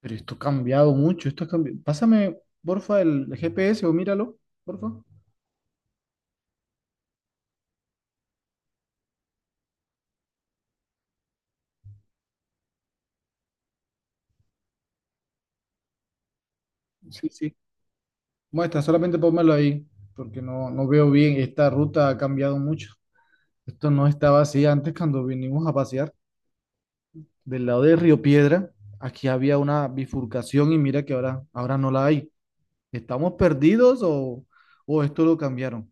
Pero esto ha cambiado mucho, esto ha cambiado. Pásame, porfa, el GPS o míralo, porfa. Sí, sí. Muestra, solamente pónmelo ahí, porque no veo bien. Esta ruta ha cambiado mucho. Esto no estaba así antes cuando vinimos a pasear. Del lado de Río Piedra, aquí había una bifurcación y mira que ahora no la hay. ¿Estamos perdidos o esto lo cambiaron?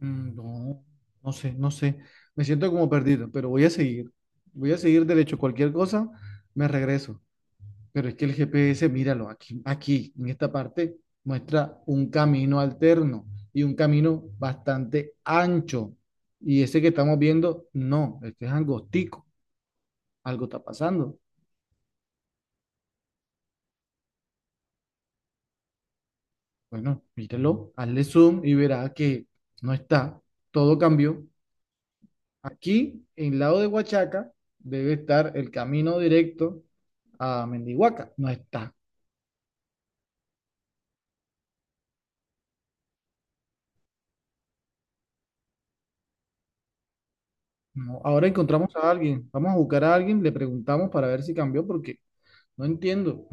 Mm, no, no sé. Me siento como perdido, pero voy a seguir. Voy a seguir derecho. Cualquier cosa, me regreso. Pero es que el GPS, míralo, aquí, en esta parte, muestra un camino alterno y un camino bastante ancho. Y ese que estamos viendo, no, este es angostico, algo está pasando. Bueno, míralo, hazle zoom y verá que no está, todo cambió. Aquí, en el lado de Huachaca, debe estar el camino directo a Mendihuaca, no está. No, ahora encontramos a alguien, vamos a buscar a alguien, le preguntamos para ver si cambió, porque no entiendo.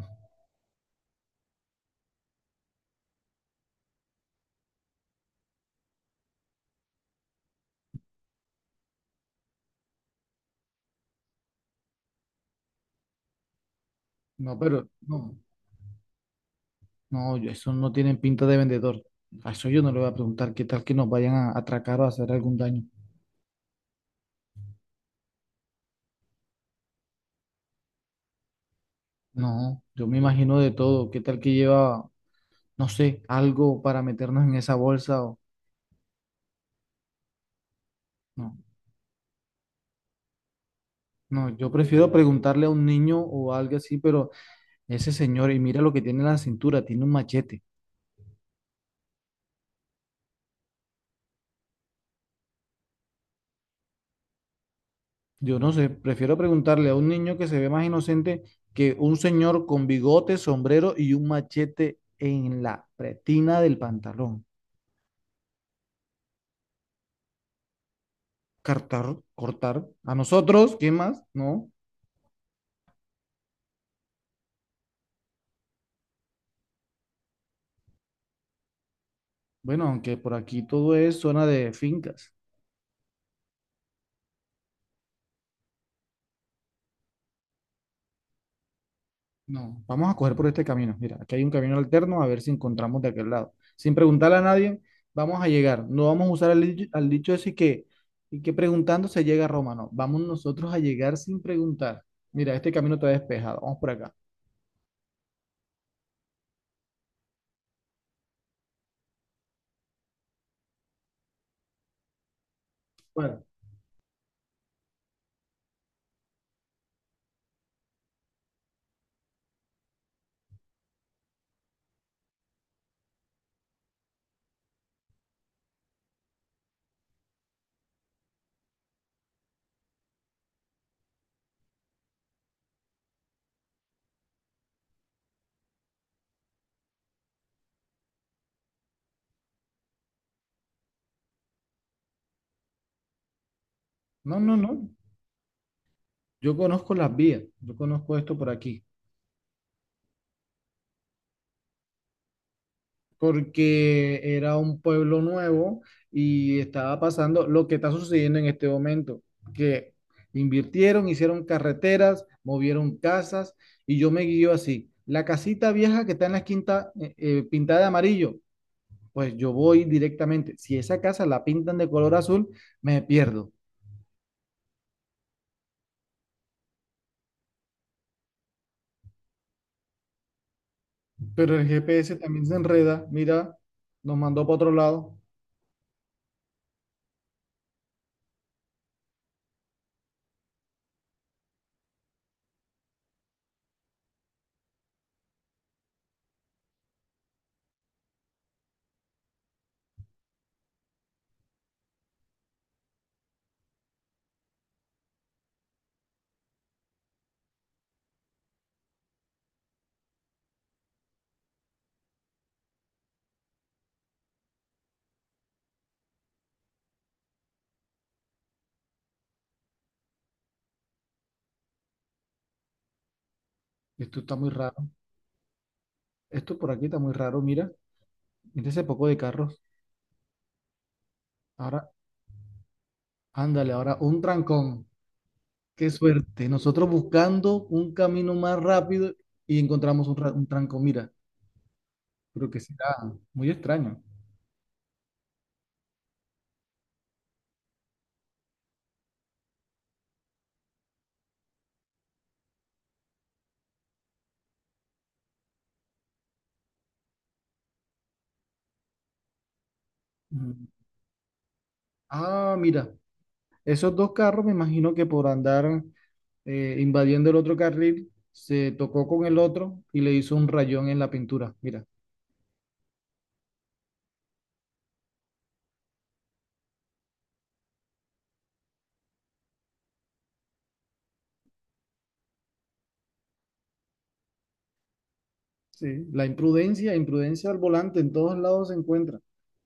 No, pero no, no, eso no tienen pinta de vendedor. A eso yo no le voy a preguntar qué tal que nos vayan a atracar o a hacer algún daño. No, yo me imagino de todo. ¿Qué tal que lleva, no sé, algo para meternos en esa bolsa? O... No, no, yo prefiero preguntarle a un niño o algo así, pero ese señor, y mira lo que tiene en la cintura, tiene un machete. Yo no sé, prefiero preguntarle a un niño que se ve más inocente que un señor con bigote, sombrero y un machete en la pretina del pantalón. Cortar, cortar. A nosotros, ¿qué más? No. Bueno, aunque por aquí todo es zona de fincas. No, vamos a coger por este camino. Mira, aquí hay un camino alterno, a ver si encontramos de aquel lado. Sin preguntarle a nadie, vamos a llegar. No vamos a usar al dicho ese que, y que preguntando se llega a Roma. No, vamos nosotros a llegar sin preguntar. Mira, este camino está despejado. Vamos por acá. Bueno, no, no, no. Yo conozco las vías. Yo conozco esto por aquí. Porque era un pueblo nuevo y estaba pasando lo que está sucediendo en este momento, que invirtieron, hicieron carreteras, movieron casas y yo me guío así. La casita vieja que está en la esquina pintada de amarillo, pues yo voy directamente. Si esa casa la pintan de color azul, me pierdo. Pero el GPS también se enreda, mira, nos mandó para otro lado. Esto está muy raro. Esto por aquí está muy raro, mira. Mira ese poco de carros. Ahora, ándale, ahora un trancón. Qué suerte. Nosotros buscando un camino más rápido y encontramos un trancón. Mira, creo que será muy extraño. Mm. Ah, mira, esos dos carros me imagino que por andar invadiendo el otro carril se tocó con el otro y le hizo un rayón en la pintura. Mira. Sí, la imprudencia, imprudencia al volante en todos lados se encuentra.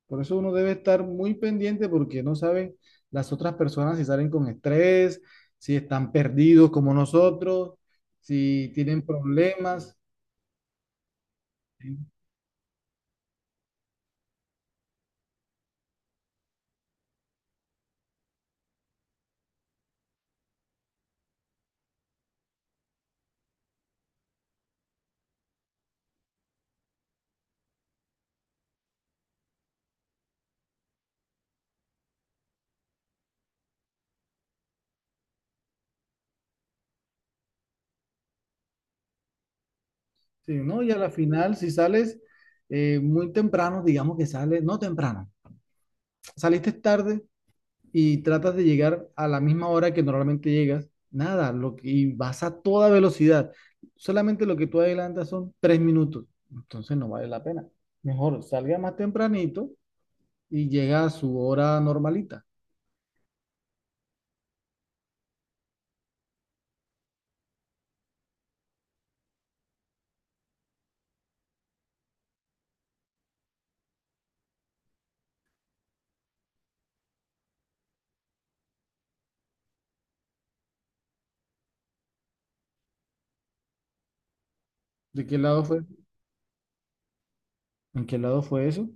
Por eso uno debe estar muy pendiente porque no sabe las otras personas si salen con estrés, si están perdidos como nosotros, si tienen problemas. Sí, sí, ¿no? Y a la final, si sales muy temprano, digamos que sales, no temprano, saliste tarde, y tratas de llegar a la misma hora que normalmente llegas, nada, lo que, y vas a toda velocidad. Solamente lo que tú adelantas son 3 minutos, entonces no vale la pena. Mejor salga más tempranito y llega a su hora normalita. ¿De qué lado fue? ¿En qué lado fue eso?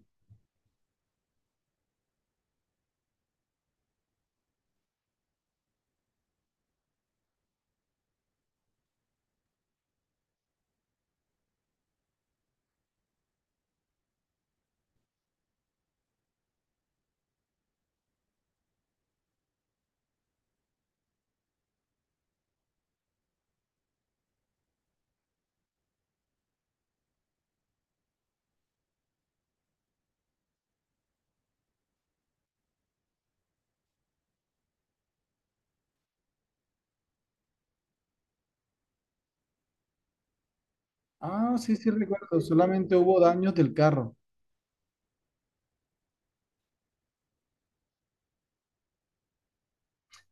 Ah, sí, sí, recuerdo, solamente hubo daños del carro.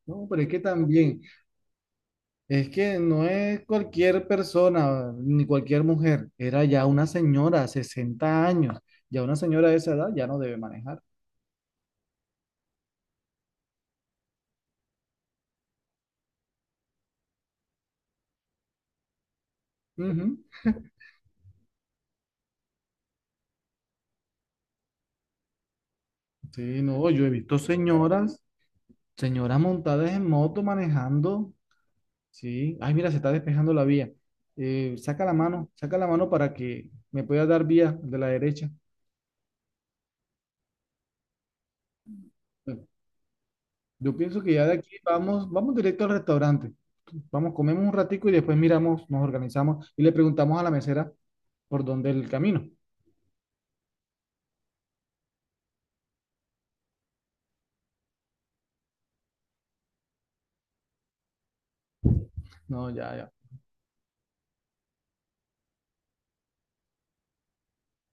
No, pero es que también, es que no es cualquier persona ni cualquier mujer, era ya una señora, 60 años, ya una señora de esa edad ya no debe manejar. Ujú. Sí, no, yo he visto señoras, señoras montadas en moto manejando. Sí, ay, mira, se está despejando la vía. Saca la mano para que me pueda dar vía de la derecha. Bueno, yo pienso que ya de aquí vamos, vamos directo al restaurante. Vamos, comemos un ratico y después miramos, nos organizamos y le preguntamos a la mesera por dónde es el camino. No, ya, ya.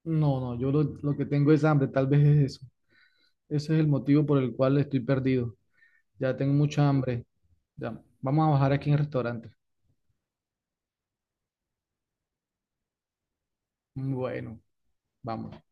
No, no, yo lo que tengo es hambre, tal vez es eso. Ese es el motivo por el cual estoy perdido. Ya tengo mucha hambre. Ya, vamos a bajar aquí en el restaurante. Bueno, vamos.